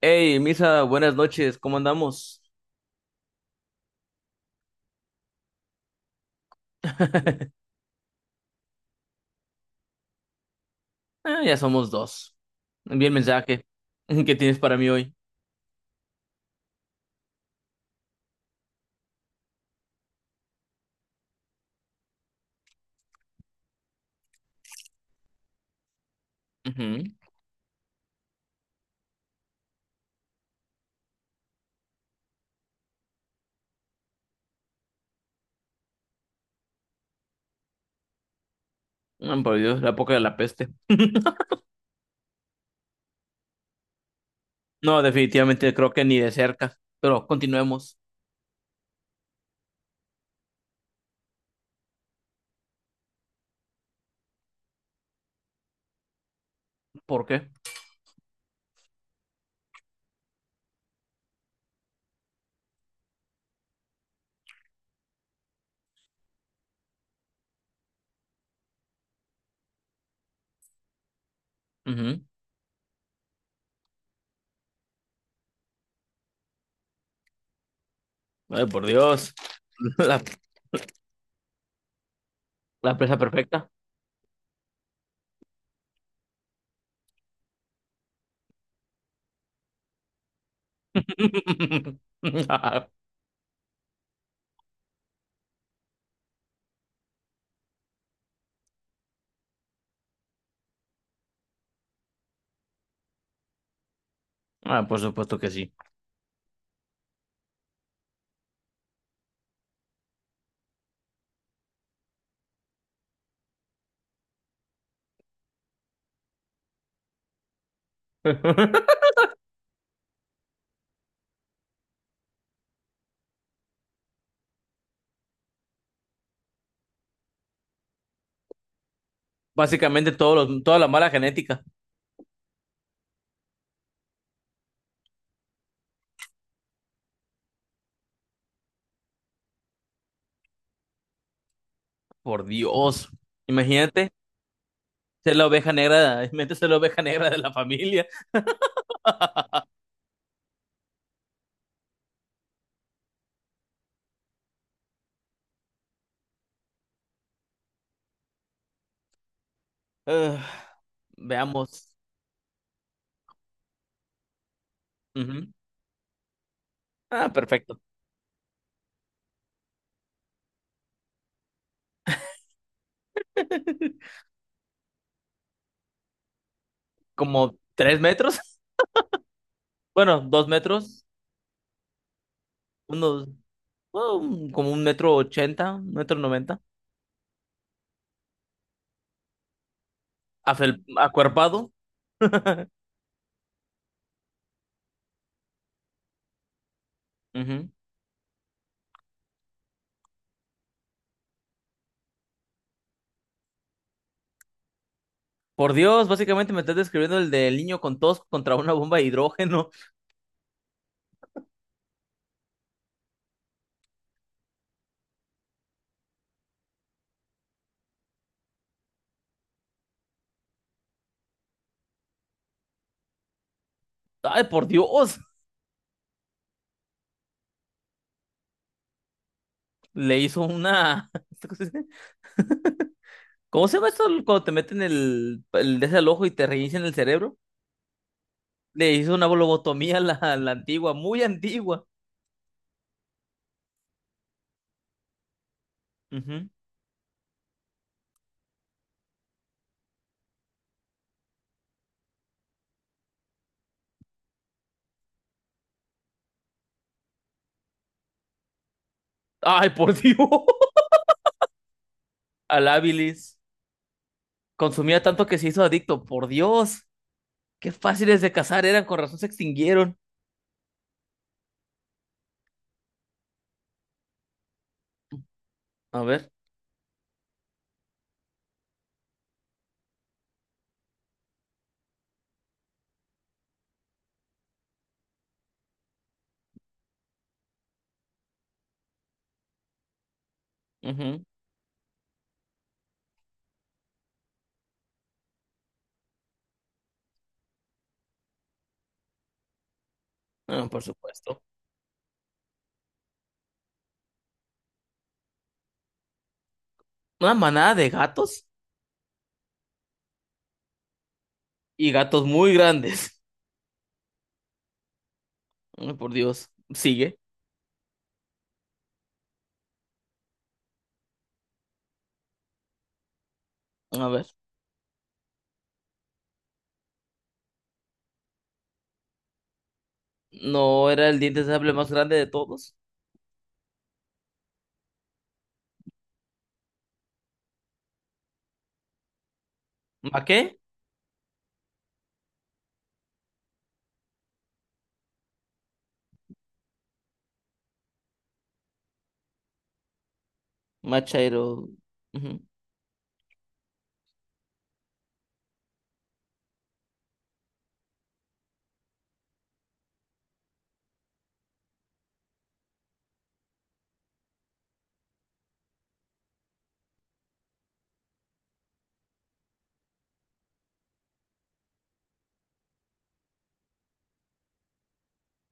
Hey, Misa, buenas noches, ¿cómo andamos? Ah, ya somos dos. Envía el mensaje. ¿Qué tienes para mí hoy? Ujú. Ah, por Dios, la época de la peste. No, definitivamente creo que ni de cerca. Pero continuemos. ¿Por qué? Ujú. Ay, por Dios. La, la presa perfecta. Ah, por supuesto que sí. Básicamente toda la mala genética. Por Dios. Imagínate ser la oveja negra, imagínate ser la oveja negra de la familia. Eh, veamos. Ujú. Ah, perfecto. Como tres metros. Bueno, dos metros. Unos, bueno, como un 1,80 m, un 1,90 m. Acuerpado. Ujú. Por Dios, básicamente me estás describiendo el del niño con tos contra una bomba de hidrógeno. Ay, por Dios. Le hizo una... ¿Cómo se llama esto cuando te meten el desde al ojo y te reinician el cerebro? Le hizo una lobotomía a la antigua, muy antigua. Ujú. Ay, por Dios. Al Habilis. Consumía tanto que se hizo adicto. Por Dios. Qué fáciles de cazar eran. Con razón se extinguieron. A ver. Ujú, ah, por supuesto. Una manada de gatos. Y gatos muy grandes. Ay, por Dios. Sigue. A ver. ¿No era el diente de sable más grande de todos? ¿Ma qué? Machairo. Ujú.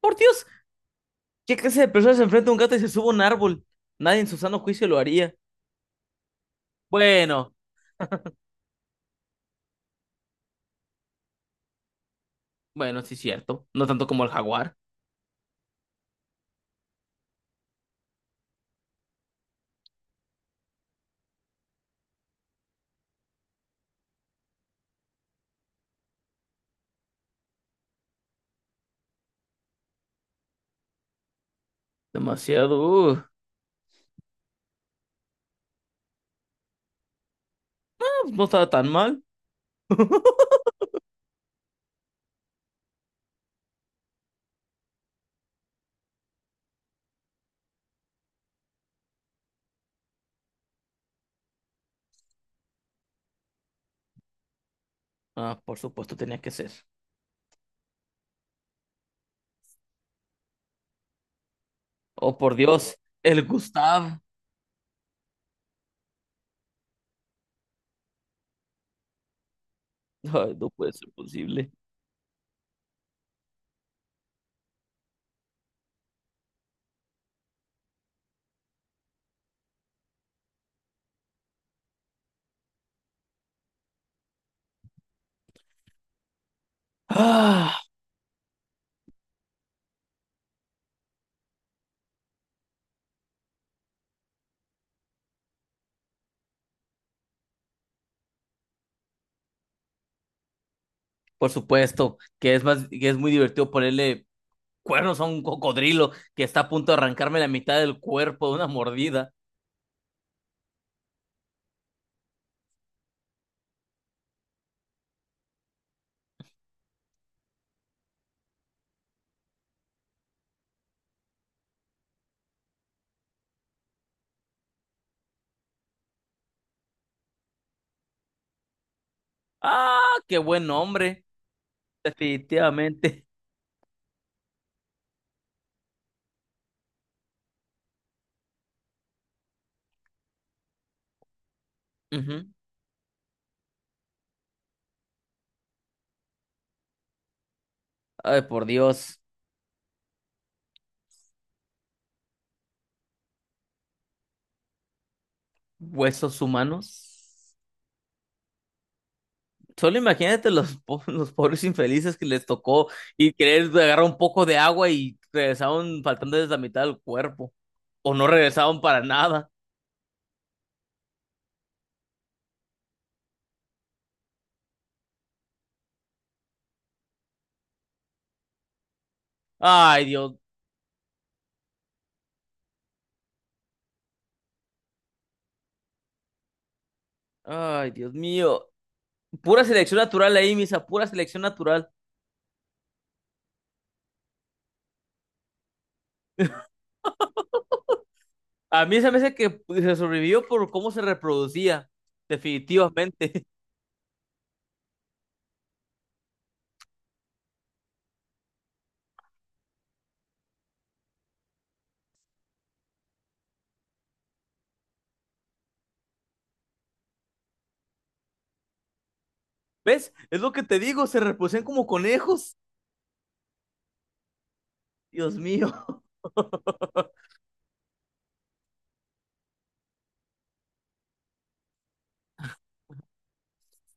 Por Dios. ¿Qué clase de persona se enfrenta a un gato y se sube a un árbol? Nadie en su sano juicio lo haría. Bueno. Bueno, sí es cierto. No tanto como el jaguar. Demasiado. No estaba tan mal. Ah, por supuesto tenía que ser. Oh, por Dios, el Gustav. Ay, no puede ser posible. Ah, por supuesto, que es más, que es muy divertido ponerle cuernos a un cocodrilo que está a punto de arrancarme la mitad del cuerpo de una mordida. Ah, qué buen hombre. Definitivamente. Ujú. Ay, por Dios, huesos humanos. Solo imagínate los, los pobres infelices que les tocó y querer agarrar un poco de agua y regresaron faltando desde la mitad del cuerpo. O no regresaron para nada. Ay, Dios. Ay, Dios mío. Pura selección natural ahí, misa. Pura selección natural. A mí se me hace que se sobrevivió por cómo se reproducía. Definitivamente. ¿Ves? Es lo que te digo. Se reproducían como conejos. Dios mío.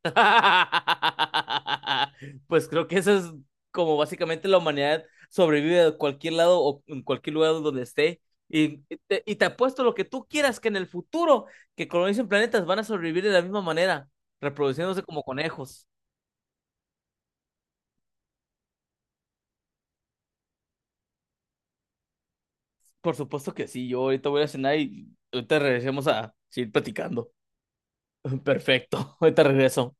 Pues creo que eso es como básicamente la humanidad sobrevive de cualquier lado o en cualquier lugar donde esté. Y te apuesto lo que tú quieras que en el futuro que colonicen planetas van a sobrevivir de la misma manera, reproduciéndose como conejos. Por supuesto que sí, yo ahorita voy a cenar y ahorita regresemos a seguir platicando. Perfecto, ahorita regreso.